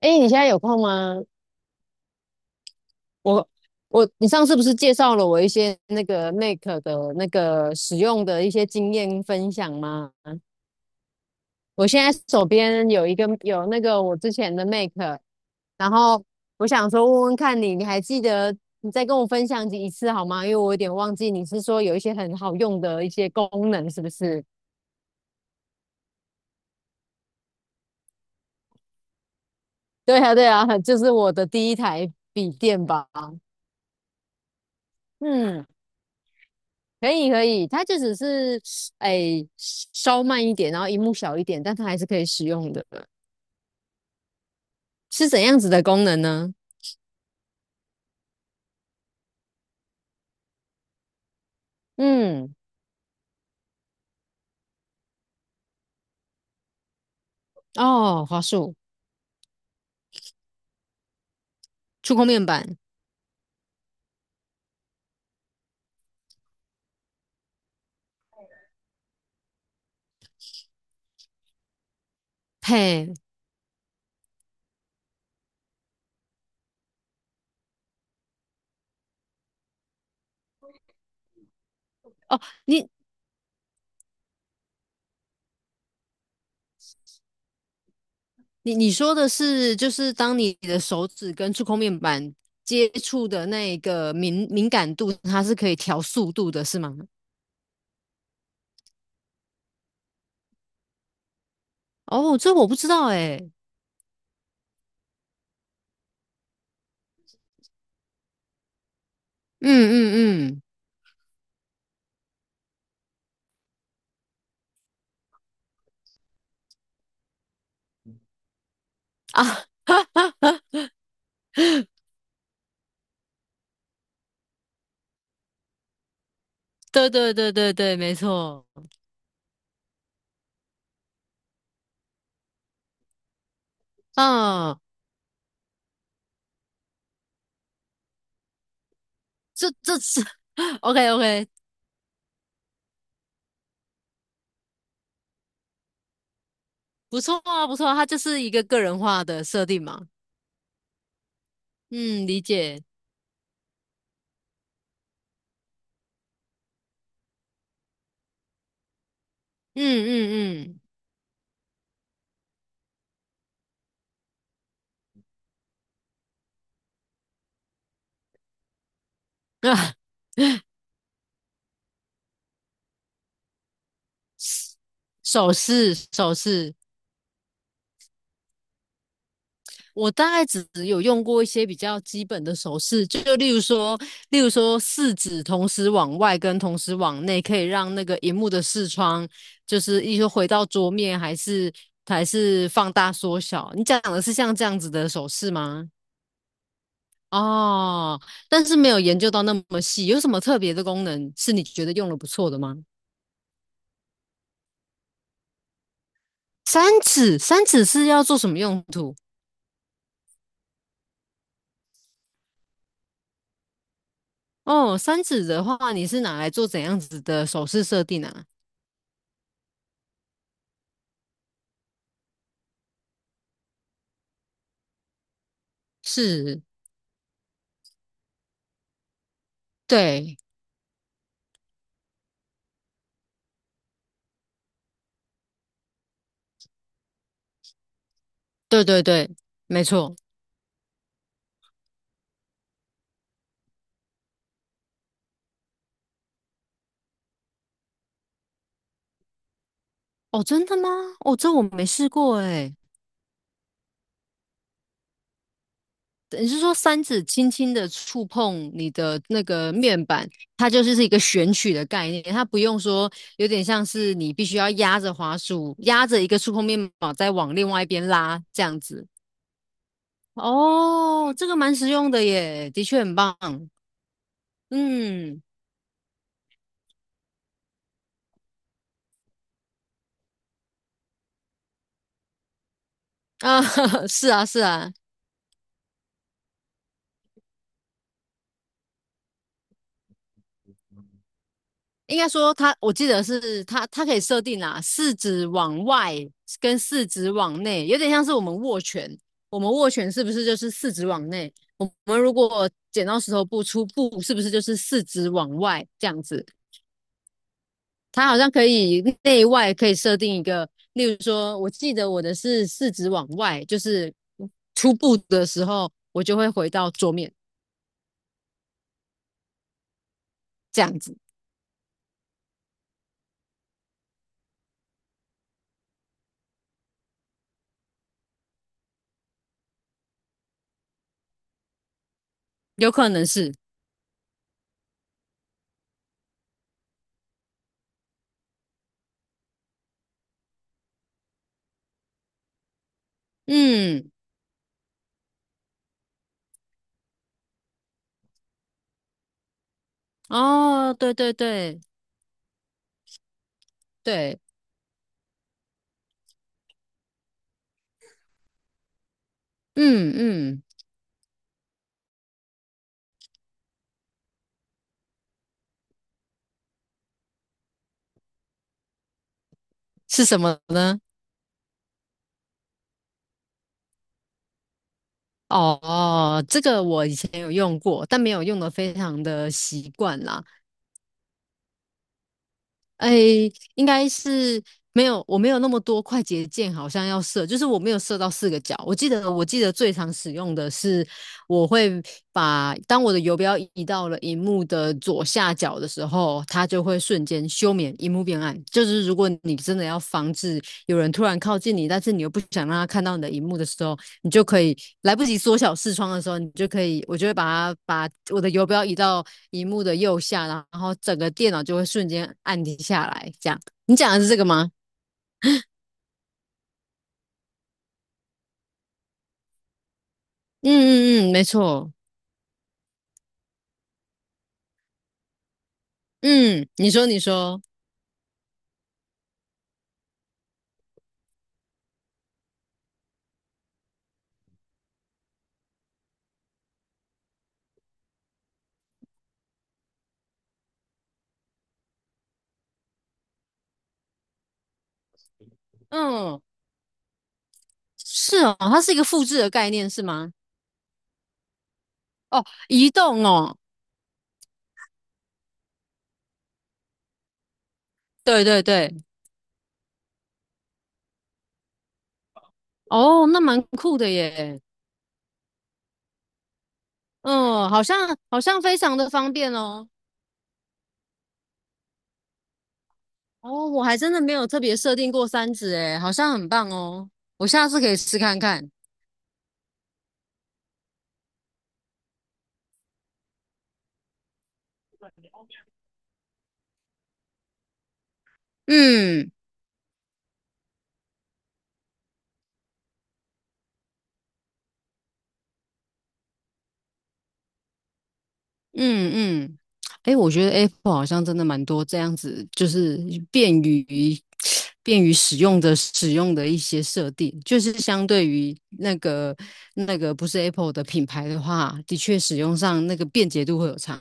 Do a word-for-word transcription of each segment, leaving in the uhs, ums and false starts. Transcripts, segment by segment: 哎，你现在有空吗？我我，你上次不是介绍了我一些那个 m a k e 的那个使用的一些经验分享吗？我现在手边有一个有那个我之前的 m a k e， 然后我想说问问看你，你还记得你再跟我分享一次好吗？因为我有点忘记，你是说有一些很好用的一些功能，是不是？对啊，对啊，就是我的第一台笔电吧。嗯。可以可以，它就只是哎稍慢一点，然后荧幕小一点，但它还是可以使用的。是怎样子的功能呢？嗯，哦，华硕触控面板，嘿，哦，你你你说的是就是当你的手指跟触控面板接触的那个敏敏感度，它是可以调速度的，是吗？哦，这我不知道哎。嗯嗯嗯，啊，对对对对对，没错。嗯，这这是 OK OK，不错啊，不错啊，它就是一个个人化的设定嘛。嗯，理解。嗯嗯嗯，啊，手势手势，我大概只有用过一些比较基本的手势，就例如说，例如说四指同时往外跟同时往内，可以让那个荧幕的视窗就是一直回到桌面，还是还是放大缩小。你讲的是像这样子的手势吗？哦，但是没有研究到那么细，有什么特别的功能是你觉得用的不错的吗？三指，三指是要做什么用途？哦，三指的话，你是拿来做怎样子的手势设定啊？是，对，对对对，没错。哦，真的吗？哦，这我没试过诶。你是说三指轻轻的触碰你的那个面板，它就是是一个选取的概念，它不用说有点像是你必须要压着滑鼠，压着一个触碰面板再往另外一边拉这样子。哦，这个蛮实用的耶，的确很棒。嗯，啊，是啊，是啊，应该说它，我记得是它，它可以设定啦，四指往外跟四指往内，有点像是我们握拳，我们握拳是不是就是四指往内？我们如果剪刀石头布出布，是不是就是四指往外这样子？它好像可以内外可以设定一个，例如说，我记得我的是四指往外，就是出布的时候，我就会回到桌面这样子，有可能是，嗯，哦，对对对对。嗯嗯，是什么呢？哦，这个我以前有用过，但没有用的非常的习惯啦。哎，应该是没有，我没有那么多快捷键，好像要设，就是我没有设到四个角。我记得，我记得最常使用的是，我会把当我的游标移到了荧幕的左下角的时候，它就会瞬间休眠，荧幕变暗。就是如果你真的要防止有人突然靠近你，但是你又不想让他看到你的荧幕的时候。你就可以来不及缩小视窗的时候，你就可以，我就会把它把我的游标移到荧幕的右下，然后整个电脑就会瞬间按停下来。这样，你讲的是这个吗？嗯嗯嗯，没错。嗯，你说你说，嗯，是哦，它是一个复制的概念是吗？哦，移动哦，对对对，哦，那蛮酷的耶。嗯，好像好像非常的方便哦。哦，我还真的没有特别设定过三指诶，好像很棒哦。我下次可以试看看。嗯嗯嗯，哎，我觉得 Apple 好像真的蛮多这样子，就是便于 便于使用的使用的一些设定，就是相对于那个那个不是 Apple 的品牌的话，的确使用上那个便捷度会有差。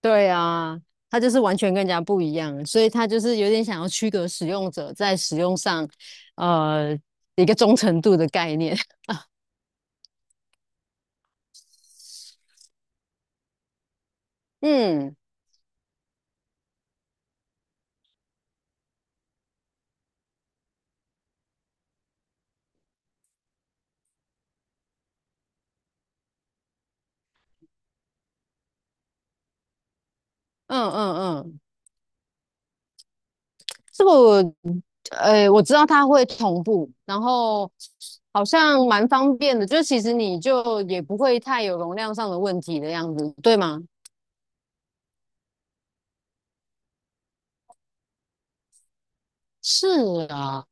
对啊，它就是完全跟人家不一样，所以它就是有点想要区隔使用者在使用上，呃，一个忠诚度的概念。嗯嗯嗯嗯。这个我呃我知道它会同步，然后好像蛮方便的，就其实你就也不会太有容量上的问题的样子，对吗？是啊，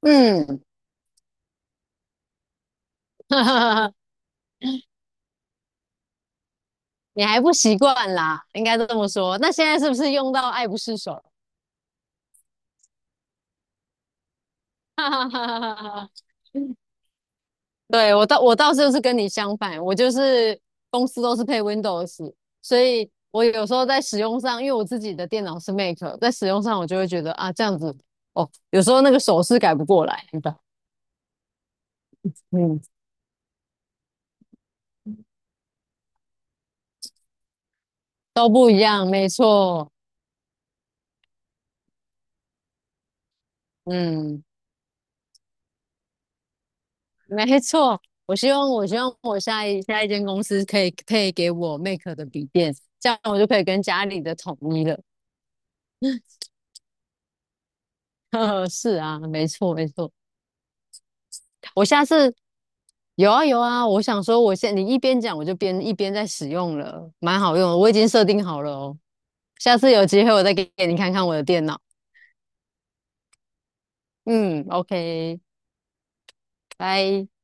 嗯，你还不习惯啦，应该这么说。那现在是不是用到爱不释手？哈哈哈哈哈。对，我倒我倒是就是跟你相反，我就是公司都是配 Windows，所以我有时候在使用上，因为我自己的电脑是 Mac，在使用上我就会觉得啊这样子哦，有时候那个手势改不过来，对吧？嗯，都不一样，没错，嗯，没错。我希望我希望我下一下一间公司可以配给我 Mac 的笔电，这样我就可以跟家里的统一了。呵呵，是啊，没错没错。我下次有啊有啊，我想说，我现你一边讲，我就边一边在使用了，蛮好用的我已经设定好了哦。下次有机会我再给给你看看我的电脑。嗯，OK，拜。